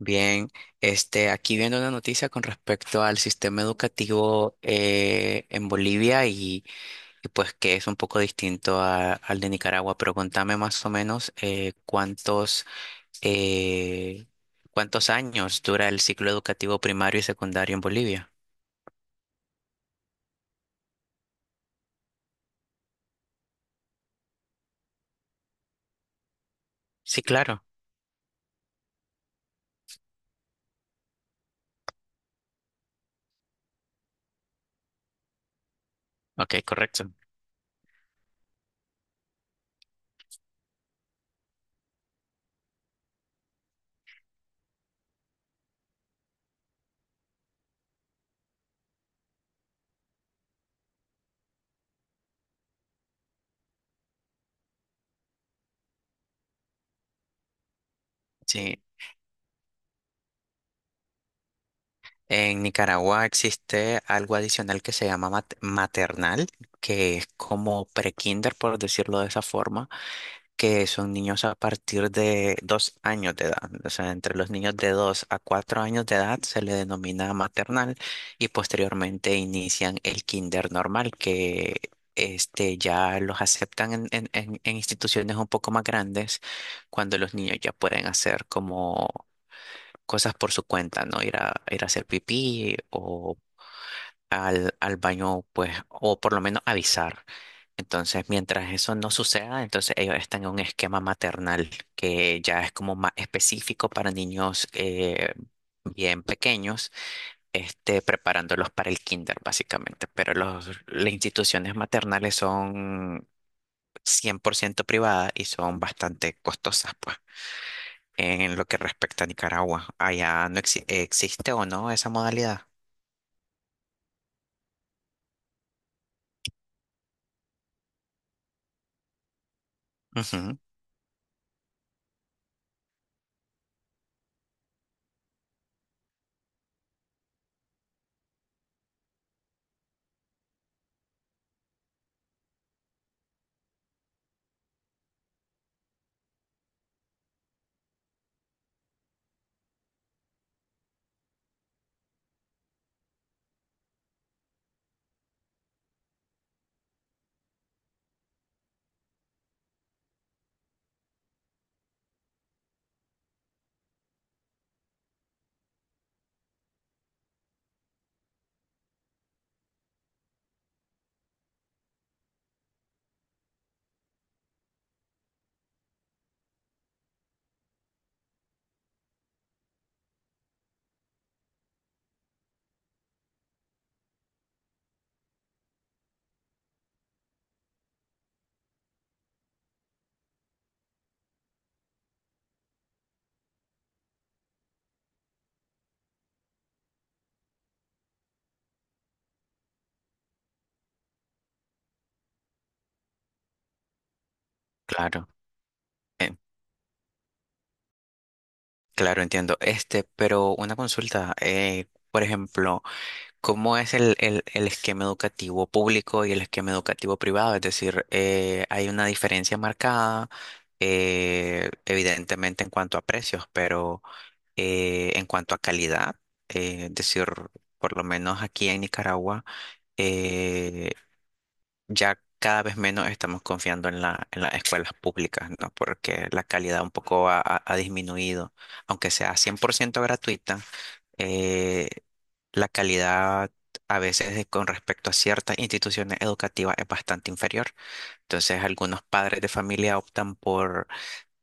Bien, aquí viendo una noticia con respecto al sistema educativo en Bolivia y pues que es un poco distinto al de Nicaragua, pero contame más o menos eh, cuántos años dura el ciclo educativo primario y secundario en Bolivia. Sí, claro. Ok, correcto. Sí, en Nicaragua existe algo adicional que se llama maternal, que es como pre-kinder, por decirlo de esa forma que son niños a partir de 2 años de edad. O sea, entre los niños de 2 a 4 años de edad se le denomina maternal y posteriormente inician el kinder normal, que ya los aceptan en instituciones un poco más grandes cuando los niños ya pueden hacer como cosas por su cuenta, ¿no? Ir a hacer pipí o... Al baño, pues, o por lo menos avisar. Entonces, mientras eso no suceda, entonces ellos están en un esquema maternal que ya es como más específico para niños bien pequeños, preparándolos para el kinder, básicamente. Pero las instituciones maternales son 100% privadas y son bastante costosas, pues, en lo que respecta a Nicaragua. Allá no existe o no esa modalidad. Ujú, claro, eh, claro, entiendo. Pero una consulta, por ejemplo, ¿cómo es el esquema educativo público y el esquema educativo privado? Es decir, hay una diferencia marcada, evidentemente en cuanto a precios, pero en cuanto a calidad, es decir, por lo menos aquí en Nicaragua, eh, ya cada vez menos estamos confiando en en las escuelas públicas, ¿no? Porque la calidad un poco ha disminuido, aunque sea 100% gratuita eh, la calidad a veces con respecto a ciertas instituciones educativas es bastante inferior. Entonces, algunos padres de familia optan por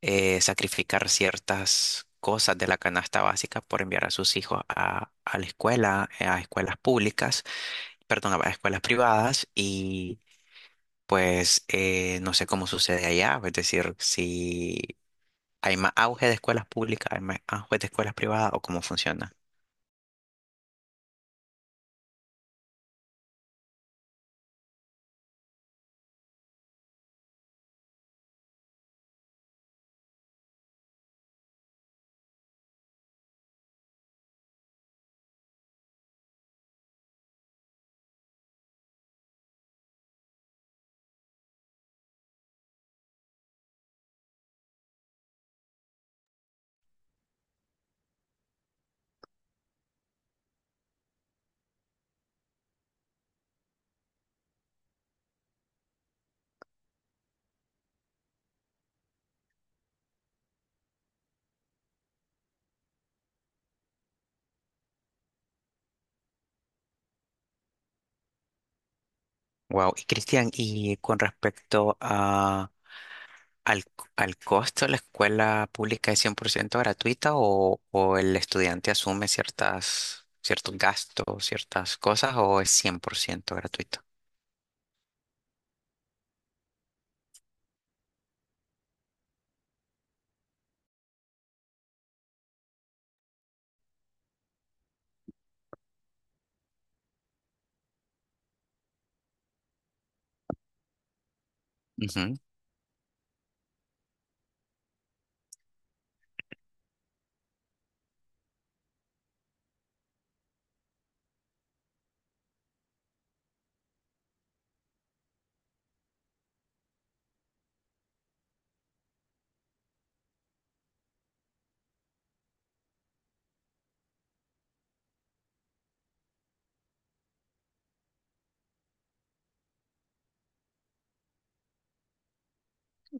sacrificar ciertas cosas de la canasta básica por enviar a sus hijos a la escuela, a escuelas públicas, perdón, a escuelas privadas y pues no sé cómo sucede allá, es decir, si hay más auge de escuelas públicas, hay más auge de escuelas privadas o cómo funciona. Wow. Y Cristian, y con respecto al, al costo, ¿la escuela pública es 100% gratuita o el estudiante asume ciertos gastos, ciertas cosas o es 100% gratuito? Ujú.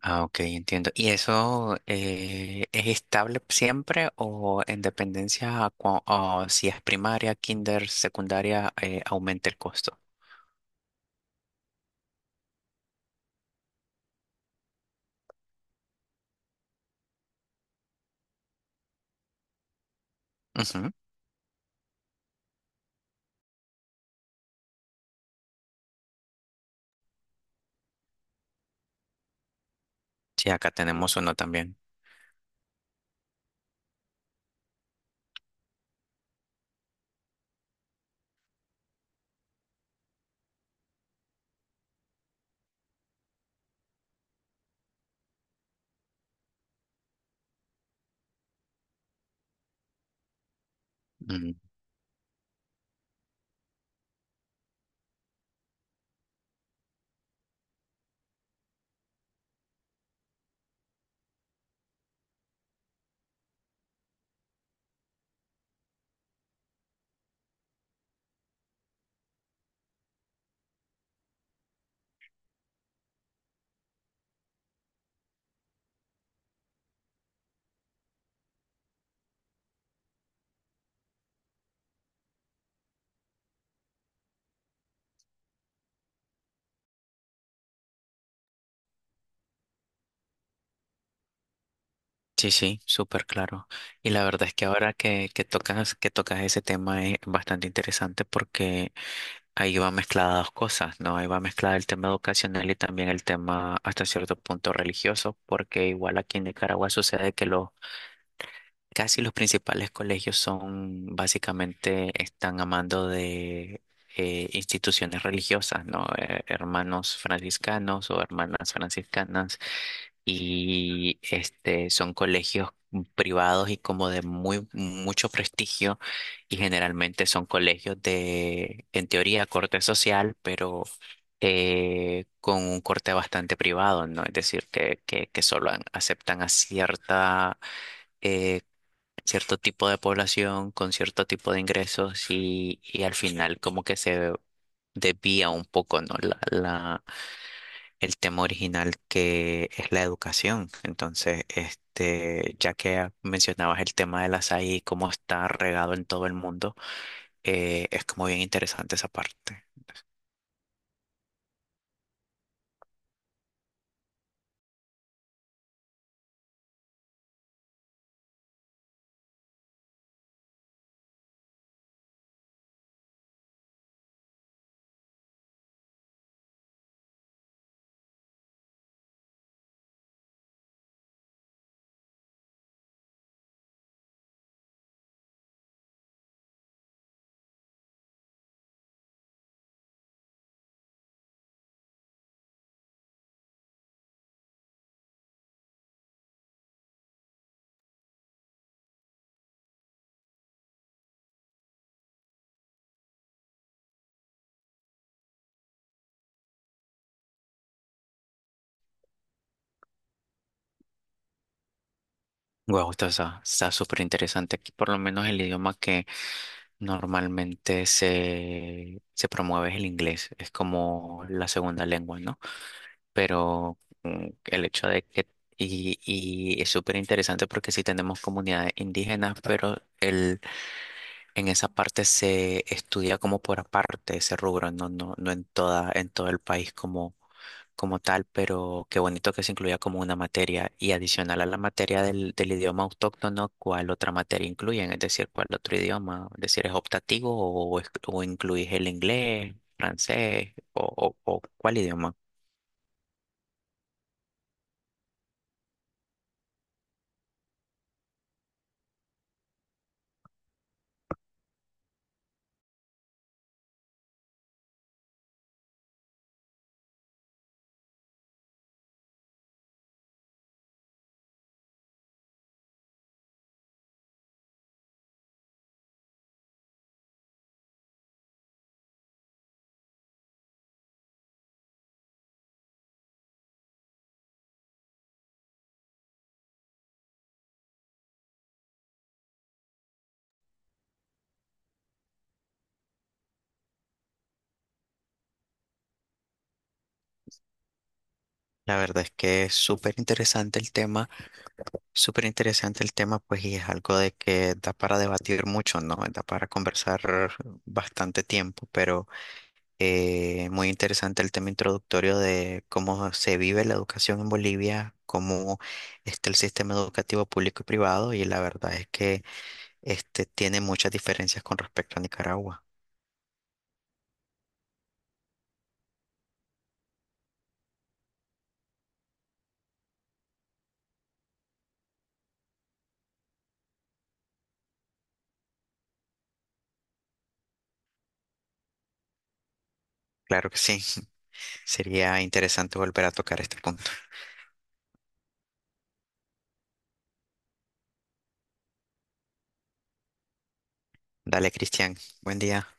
Ah, ok, entiendo. ¿Y eso es estable siempre o en dependencia a o si es primaria, kinder, secundaria, aumenta el costo? Ujú. Sí, acá tenemos uno también. Sí, sí, súper claro. Y la verdad es que ahora que tocas ese tema es bastante interesante porque ahí va mezclada dos cosas, ¿no? Ahí va mezclada el tema educacional y también el tema hasta cierto punto religioso, porque igual aquí en Nicaragua sucede que los casi los principales colegios son básicamente están amando de instituciones religiosas, ¿no? Hermanos franciscanos o hermanas franciscanas y son colegios privados y como de muy mucho prestigio y generalmente son colegios de en teoría corte social pero con un corte bastante privado no es decir que solo aceptan a cierta eh, cierto tipo de población con cierto tipo de ingresos y al final como que se desvía un poco no el tema original que es la educación. Entonces, ya que mencionabas el tema de las AI y cómo está regado en todo el mundo, es como bien interesante esa parte. Wow, esto está súper interesante. Aquí por lo menos el idioma que normalmente se promueve es el inglés. Es como la segunda lengua, ¿no? Pero el hecho de que... Y es súper interesante porque sí tenemos comunidades indígenas, pero en esa parte se estudia como por aparte ese rubro, no, no, no en en todo el país como tal, pero qué bonito que se incluya como una materia y adicional a la materia del idioma autóctono, ¿cuál otra materia incluyen? Es decir, ¿cuál otro idioma? Es decir, ¿es optativo o, o incluís el inglés, francés o cuál idioma? La verdad es que es súper interesante el tema. Súper interesante el tema, pues, y es algo de que da para debatir mucho, ¿no? Da para conversar bastante tiempo, pero muy interesante el tema introductorio de cómo se vive la educación en Bolivia, cómo está el sistema educativo público y privado, y la verdad es que este tiene muchas diferencias con respecto a Nicaragua. Claro que sí, sería interesante volver a tocar este punto. Dale, Cristian, buen día.